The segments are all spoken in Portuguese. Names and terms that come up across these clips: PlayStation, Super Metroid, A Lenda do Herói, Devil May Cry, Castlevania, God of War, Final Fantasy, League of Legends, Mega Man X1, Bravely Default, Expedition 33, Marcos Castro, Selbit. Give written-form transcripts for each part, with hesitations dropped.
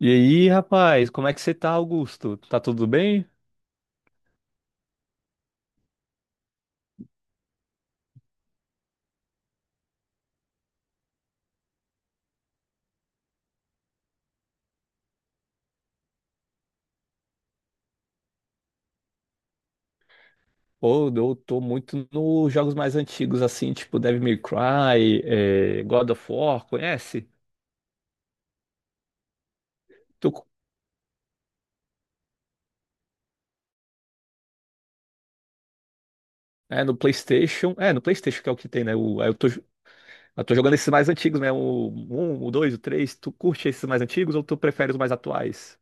E aí, rapaz, como é que você tá, Augusto? Tá tudo bem? Pô, eu tô muito nos jogos mais antigos, assim, tipo Devil May Cry, God of War, conhece? Tô, co- no PlayStation. É, no PlayStation que é o que tem, né? Aí eu tô jogando esses mais antigos mesmo, o 1, o 2, o 3. Tu curte esses mais antigos ou tu prefere os mais atuais?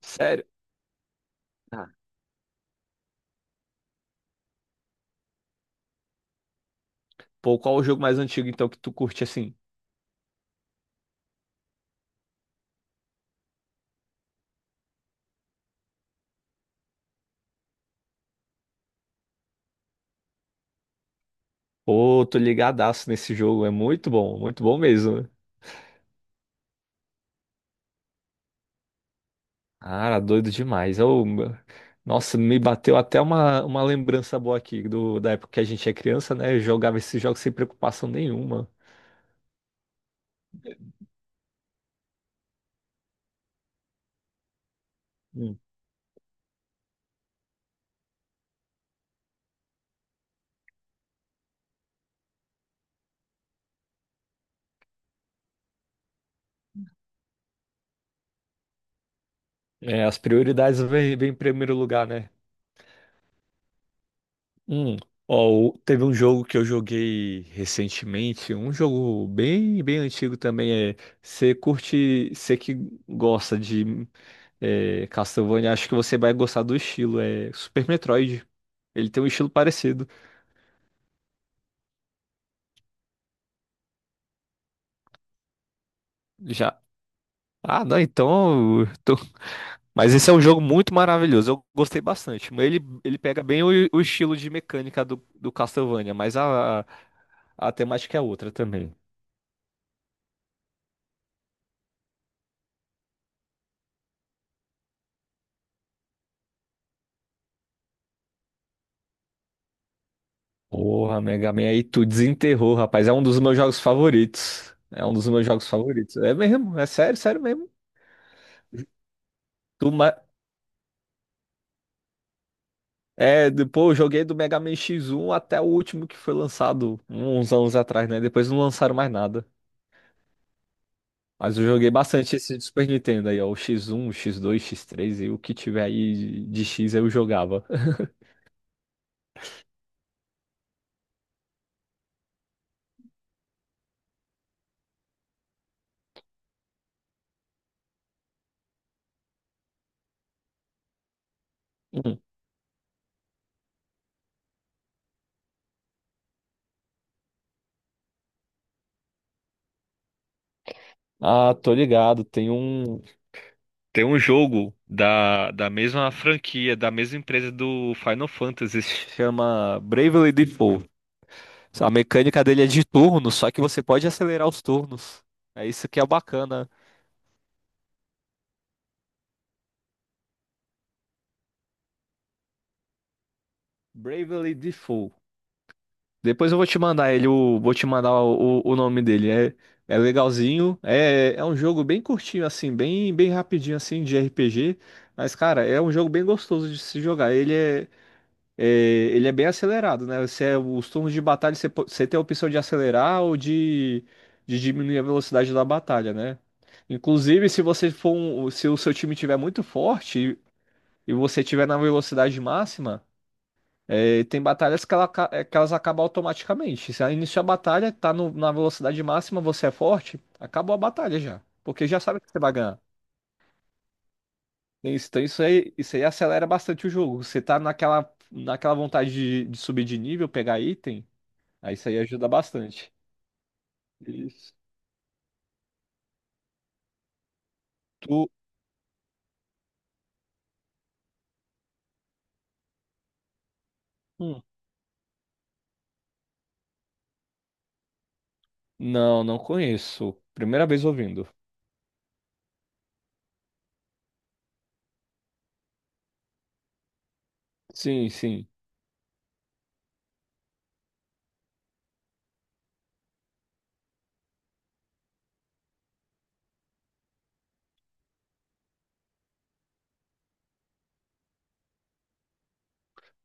Sério? Ah, pô, qual o jogo mais antigo então que tu curte assim? Pô, tô ligadaço nesse jogo, é muito bom mesmo. Cara, doido demais. Nossa, me bateu até uma lembrança boa aqui da época que a gente é criança, né? Eu jogava esses jogos sem preocupação nenhuma. Hum. É, as prioridades vêm em primeiro lugar, né? Hum. Teve um jogo que eu joguei recentemente, um jogo bem, bem antigo também. Você curte, você que gosta de Castlevania, acho que você vai gostar do estilo. É Super Metroid. Ele tem um estilo parecido. Já. Ah, não, então. Eu tô- Mas esse é um jogo muito maravilhoso. Eu gostei bastante. Mas ele pega bem o estilo de mecânica do Castlevania, mas a temática é outra também. Porra, Mega Man, aí tu desenterrou, rapaz. É um dos meus jogos favoritos. É um dos meus jogos favoritos. É mesmo, é sério, sério mesmo. Tu ma- É, depois eu joguei do Mega Man X1 até o último que foi lançado uns anos atrás, né? Depois não lançaram mais nada. Mas eu joguei bastante esse de Super Nintendo aí, ó. O X1, o X2, X3 e o que tiver aí de X eu jogava. Hum. Ah, tô ligado. Tem um. Tem um jogo da mesma franquia, da mesma empresa do Final Fantasy, se chama Bravely Default. A mecânica dele é de turno, só que você pode acelerar os turnos. É isso que é bacana. Bravely Default. Depois eu vou te mandar ele, vou te mandar o nome dele. É, é legalzinho. É, é um jogo bem curtinho, assim, bem, bem rapidinho, assim, de RPG. Mas, cara, é um jogo bem gostoso de se jogar. Ele é. É, ele é bem acelerado, né? Você, é, os turnos de batalha, você, você tem a opção de acelerar ou de diminuir a velocidade da batalha, né? Inclusive, se você se o seu time tiver muito forte e você tiver na velocidade máxima, é, tem batalhas que, que elas acabam automaticamente. Se iniciar a batalha, na velocidade máxima, você é forte, acabou a batalha já. Porque já sabe que você vai ganhar. Então isso aí acelera bastante o jogo. Você tá naquela, naquela vontade de subir de nível, pegar item. Aí isso aí ajuda bastante. Isso. Tu. Hum. Não, não conheço. Primeira vez ouvindo. Sim, sim.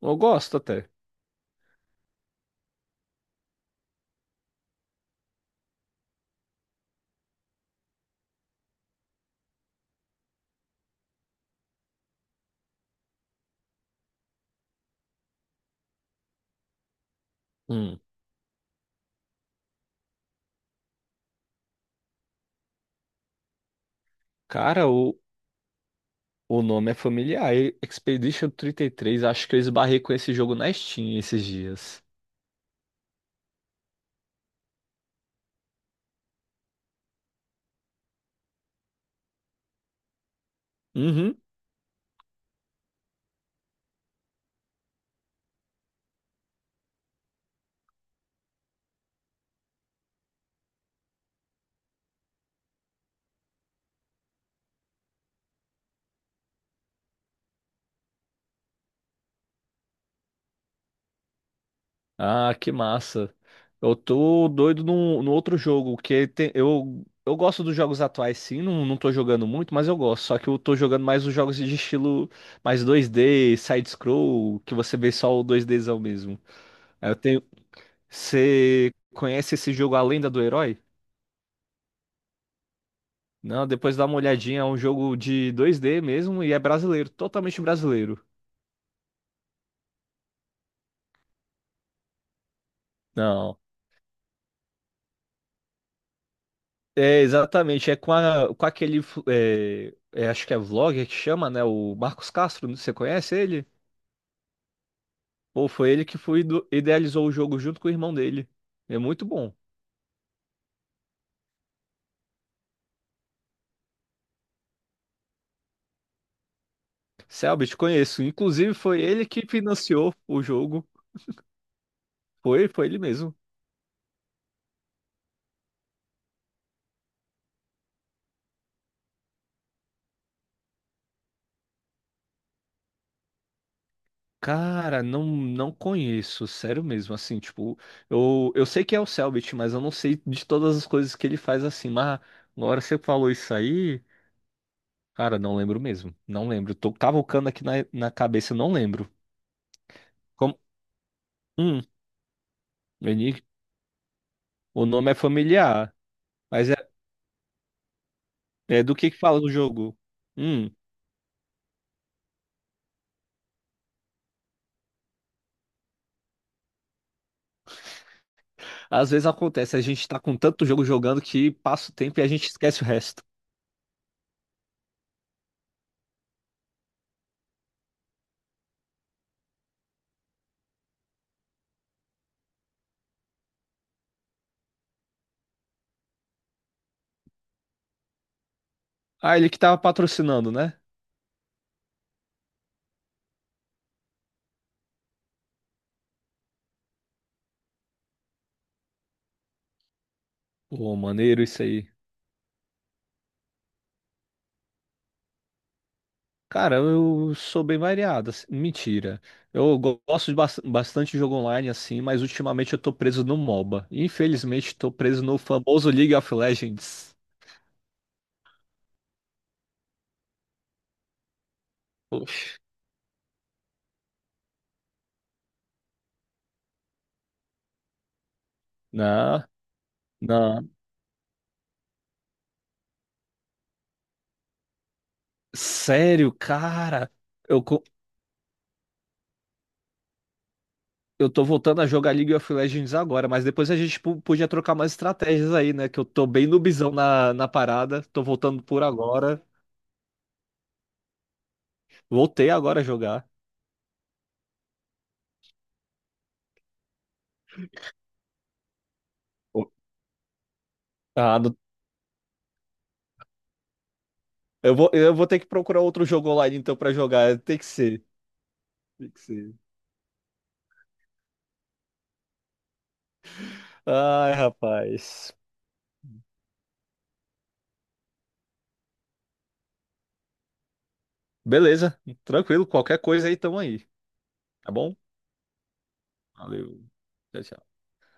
Eu gosto até. Hum. Cara, o nome é familiar. Expedition 33. Acho que eu esbarrei com esse jogo na Steam esses dias. Uhum. Ah, que massa. Eu tô doido no outro jogo, eu gosto dos jogos atuais, sim, não, não tô jogando muito, mas eu gosto. Só que eu tô jogando mais os jogos de estilo mais dois d side-scroll, que você vê só o 2Dzão mesmo. Aí eu tenho. Você conhece esse jogo A Lenda do Herói? Não, depois dá uma olhadinha, é um jogo de dois d mesmo e é brasileiro, totalmente brasileiro. Não. É, exatamente. É com, a- com aquele. Fu- É, é, acho que é vlogger que chama, né? O Marcos Castro. Você conhece ele? Ou foi ele que idealizou o jogo junto com o irmão dele. É muito bom. Selbit, conheço. Inclusive, foi ele que financiou o jogo. Foi, foi ele mesmo. Cara, não, não conheço. Sério mesmo. Assim, tipo, eu sei que é o Selbit, mas eu não sei de todas as coisas que ele faz assim. Mas agora você falou isso aí. Cara, não lembro mesmo. Não lembro. Tô cavucando aqui na cabeça, não lembro. Como? Hum, Eni- o nome é familiar, mas é, é do que fala o jogo? Hum, às vezes acontece, a gente tá com tanto jogo jogando que passa o tempo e a gente esquece o resto. Ah, ele que tava patrocinando, né? Pô, maneiro isso aí. Cara, eu sou bem variado, assim, mentira. Gosto de bastante de jogo online, assim, mas ultimamente eu tô preso no MOBA. Infelizmente, tô preso no famoso League of Legends. Poxa. Não, não. Sério, cara. Eu, co- eu tô voltando a jogar League of Legends agora, mas depois a gente podia trocar mais estratégias aí, né? Que eu tô bem noobzão na parada. Tô voltando por agora. Voltei agora a jogar. O- Ah, não- eu vou, eu vou ter que procurar outro jogo online então pra jogar. Tem que ser. Tem que ser. Ai, rapaz. Beleza, tranquilo. Qualquer coisa aí, tamo aí. Tá bom? Valeu. Tchau, tchau.